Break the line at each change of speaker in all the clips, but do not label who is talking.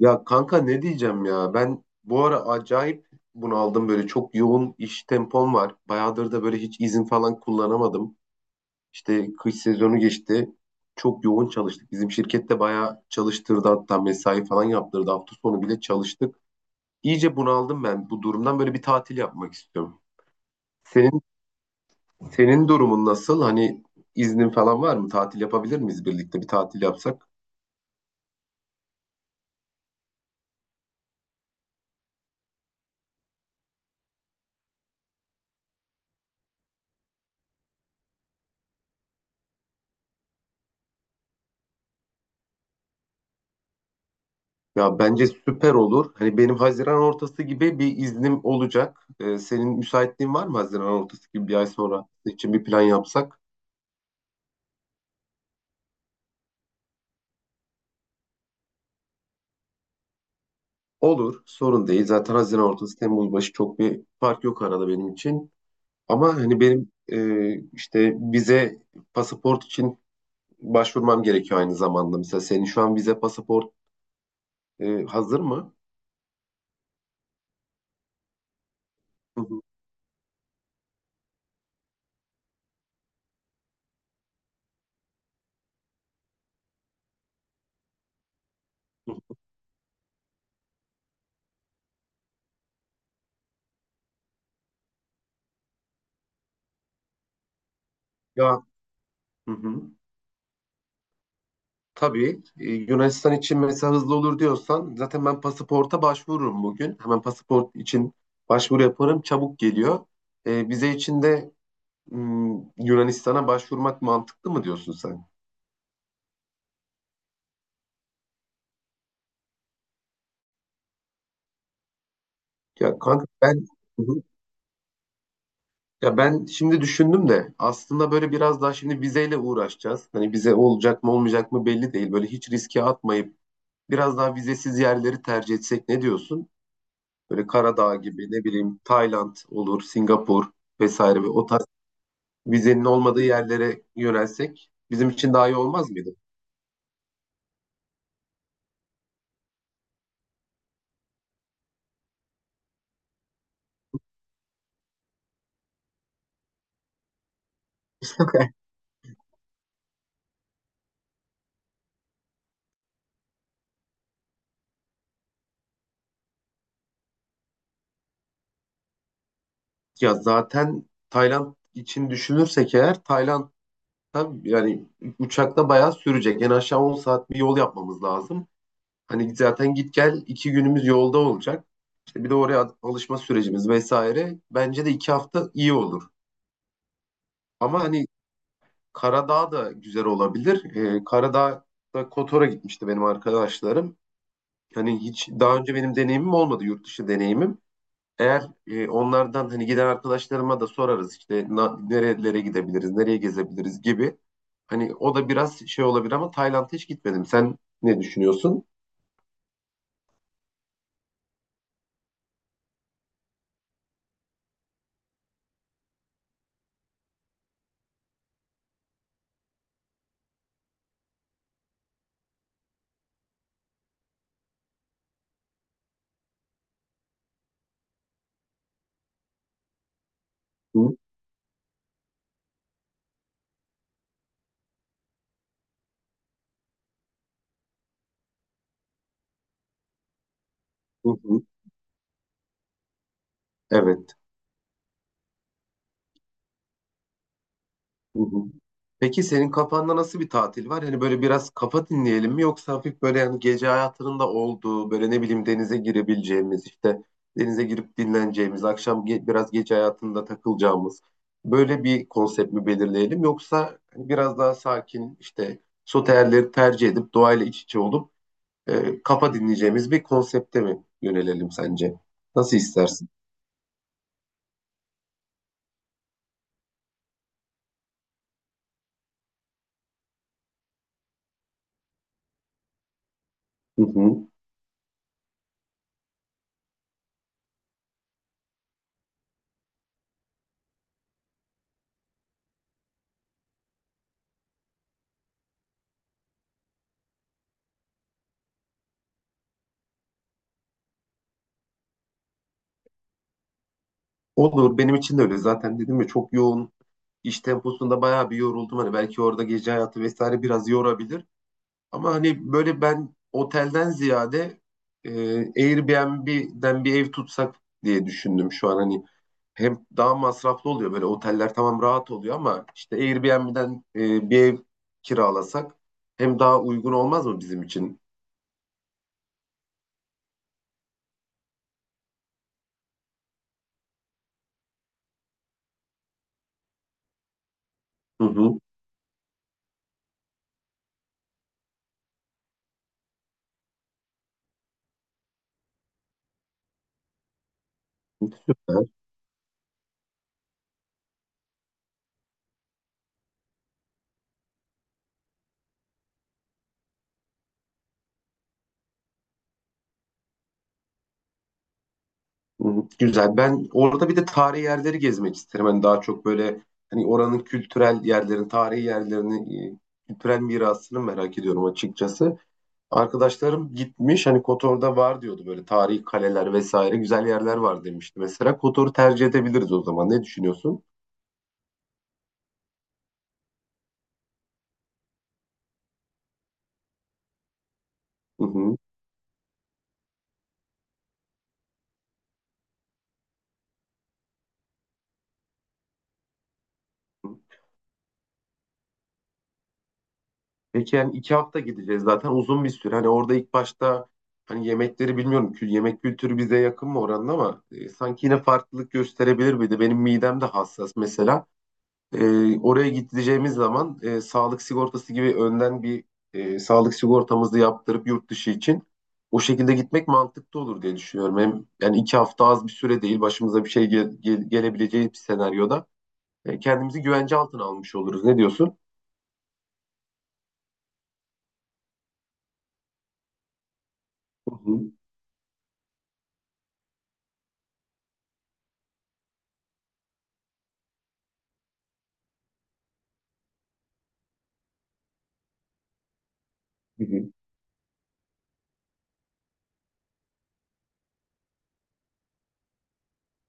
Ya kanka ne diyeceğim ya ben bu ara acayip bunaldım böyle çok yoğun iş tempom var. Bayağıdır da böyle hiç izin falan kullanamadım. İşte kış sezonu geçti. Çok yoğun çalıştık. Bizim şirkette bayağı çalıştırdı hatta mesai falan yaptırdı. Hafta sonu bile çalıştık. İyice bunaldım ben bu durumdan böyle bir tatil yapmak istiyorum. Senin senin durumun nasıl? Hani iznin falan var mı? Tatil yapabilir miyiz birlikte bir tatil yapsak? Ya bence süper olur. Hani benim Haziran ortası gibi bir iznim olacak. Senin müsaitliğin var mı Haziran ortası gibi bir ay sonra için bir plan yapsak? Olur, sorun değil. Zaten Haziran ortası Temmuz başı çok bir fark yok arada benim için. Ama hani benim işte vize pasaport için başvurmam gerekiyor aynı zamanda. Mesela senin şu an vize pasaport hazır mı? Hı hı. Ya hı hı. Tabii Yunanistan için mesela hızlı olur diyorsan zaten ben pasaporta başvururum bugün. Hemen pasaport için başvuru yaparım. Çabuk geliyor. E, vize için de Yunanistan'a başvurmak mantıklı mı diyorsun sen? Ya kanka ben. Hı hı. Ya ben şimdi düşündüm de aslında böyle biraz daha şimdi vizeyle uğraşacağız. Hani vize olacak mı olmayacak mı belli değil. Böyle hiç riske atmayıp biraz daha vizesiz yerleri tercih etsek ne diyorsun? Böyle Karadağ gibi ne bileyim Tayland olur, Singapur vesaire ve o vizenin olmadığı yerlere yönelsek bizim için daha iyi olmaz mıydı? Ya zaten Tayland için düşünürsek eğer Tayland'da yani uçakta bayağı sürecek. En aşağı 10 saat bir yol yapmamız lazım. Hani zaten git gel iki günümüz yolda olacak. İşte bir de oraya alışma sürecimiz vesaire. Bence de iki hafta iyi olur. Ama hani Karadağ da güzel olabilir. Karadağ'da Kotor'a gitmişti benim arkadaşlarım. Hani hiç daha önce benim deneyimim olmadı yurt dışı deneyimim. Eğer onlardan hani giden arkadaşlarıma da sorarız işte nerelere gidebiliriz, nereye gezebiliriz gibi. Hani o da biraz şey olabilir ama Tayland'a hiç gitmedim. Sen ne düşünüyorsun? Hı hı. Hı. Evet. Hı hı. Peki senin kafanda nasıl bir tatil var? Hani böyle biraz kafa dinleyelim mi yoksa hafif böyle yani gece hayatının da olduğu böyle ne bileyim denize girebileceğimiz işte denize girip dinleneceğimiz akşam biraz gece hayatında takılacağımız böyle bir konsept mi belirleyelim yoksa hani biraz daha sakin işte soterleri tercih edip doğayla iç içe olup kafa dinleyeceğimiz bir konsepte mi yönelelim sence? Nasıl istersin? Hı hı. Olur benim için de öyle zaten dedim ya çok yoğun iş temposunda bayağı bir yoruldum. Hani belki orada gece hayatı vesaire biraz yorabilir. Ama hani böyle ben otelden ziyade e, Airbnb'den bir ev tutsak diye düşündüm şu an. Hani hem daha masraflı oluyor böyle oteller tamam rahat oluyor ama işte Airbnb'den bir ev kiralasak hem daha uygun olmaz mı bizim için? Hı hı. Hı. Güzel. Ben orada bir de tarihi yerleri gezmek isterim. Hani daha çok böyle hani oranın kültürel yerlerini, tarihi yerlerini, kültürel mirasını merak ediyorum açıkçası. Arkadaşlarım gitmiş hani Kotor'da var diyordu böyle tarihi kaleler vesaire güzel yerler var demişti. Mesela Kotor'u tercih edebiliriz o zaman. Ne düşünüyorsun? Hı hı. Peki yani iki hafta gideceğiz zaten uzun bir süre. Hani orada ilk başta hani yemekleri bilmiyorum ki yemek kültürü bize yakın mı oranın ama sanki yine farklılık gösterebilir miydi? Benim midem de hassas mesela. E, oraya gideceğimiz zaman sağlık sigortası gibi önden bir sağlık sigortamızı yaptırıp yurt dışı için o şekilde gitmek mantıklı olur diye düşünüyorum. Hem, yani iki hafta az bir süre değil başımıza bir şey gelebileceği bir senaryoda kendimizi güvence altına almış oluruz. Ne diyorsun? Hı hı, hı hı.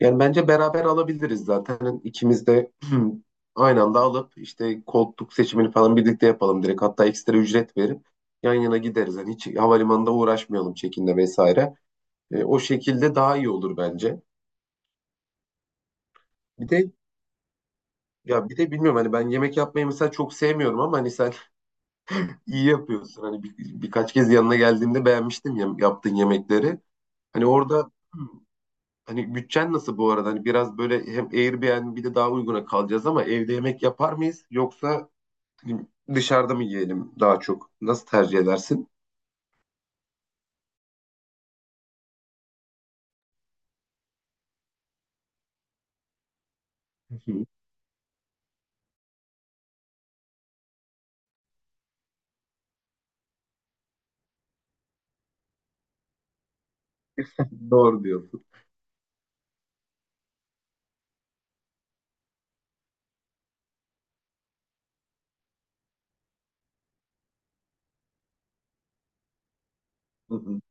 Yani bence beraber alabiliriz zaten. Hani ikimiz de aynı anda alıp işte koltuk seçimini falan birlikte yapalım direkt. Hatta ekstra ücret verip yan yana gideriz. Yani hiç havalimanında uğraşmayalım çekimle vesaire. E, o şekilde daha iyi olur bence. Bir de ya bir de bilmiyorum hani ben yemek yapmayı mesela çok sevmiyorum ama hani sen iyi yapıyorsun. Hani birkaç kez yanına geldiğimde beğenmiştim ya, yaptığın yemekleri. Hani orada hani bütçen nasıl bu arada? Hani biraz böyle hem Airbnb bir de daha uyguna kalacağız ama evde yemek yapar mıyız yoksa dışarıda mı yiyelim daha çok? Nasıl tercih edersin? Doğru diyorsun.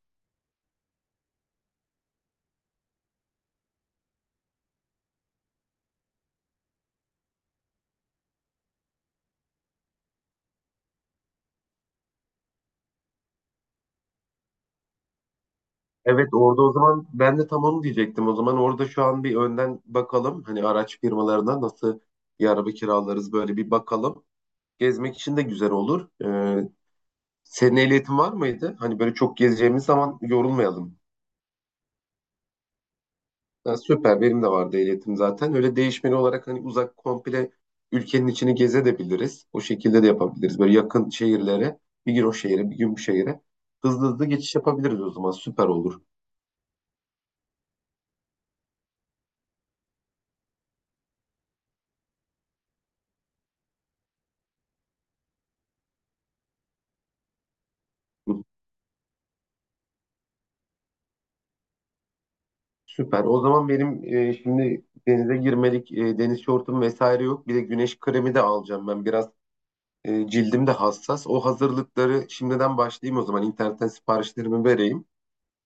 Evet orada o zaman ben de tam onu diyecektim. O zaman orada şu an bir önden bakalım. Hani araç firmalarına nasıl bir araba kiralarız böyle bir bakalım. Gezmek için de güzel olur. Senin ehliyetin var mıydı? Hani böyle çok gezeceğimiz zaman yorulmayalım. Ha, süper benim de vardı ehliyetim zaten. Öyle değişmeli olarak hani uzak komple ülkenin içini gezebiliriz. O şekilde de yapabiliriz. Böyle yakın şehirlere bir gün o şehre bir gün bu şehre. Hızlı hızlı geçiş yapabiliriz o zaman süper olur. Süper. O zaman benim şimdi denize girmelik deniz şortum vesaire yok. Bir de güneş kremi de alacağım ben. Biraz cildim de hassas. O hazırlıkları şimdiden başlayayım o zaman. İnternetten siparişlerimi vereyim.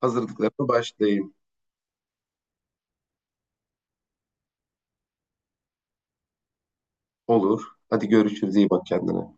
Hazırlıklarına başlayayım. Olur. Hadi görüşürüz. İyi bak kendine.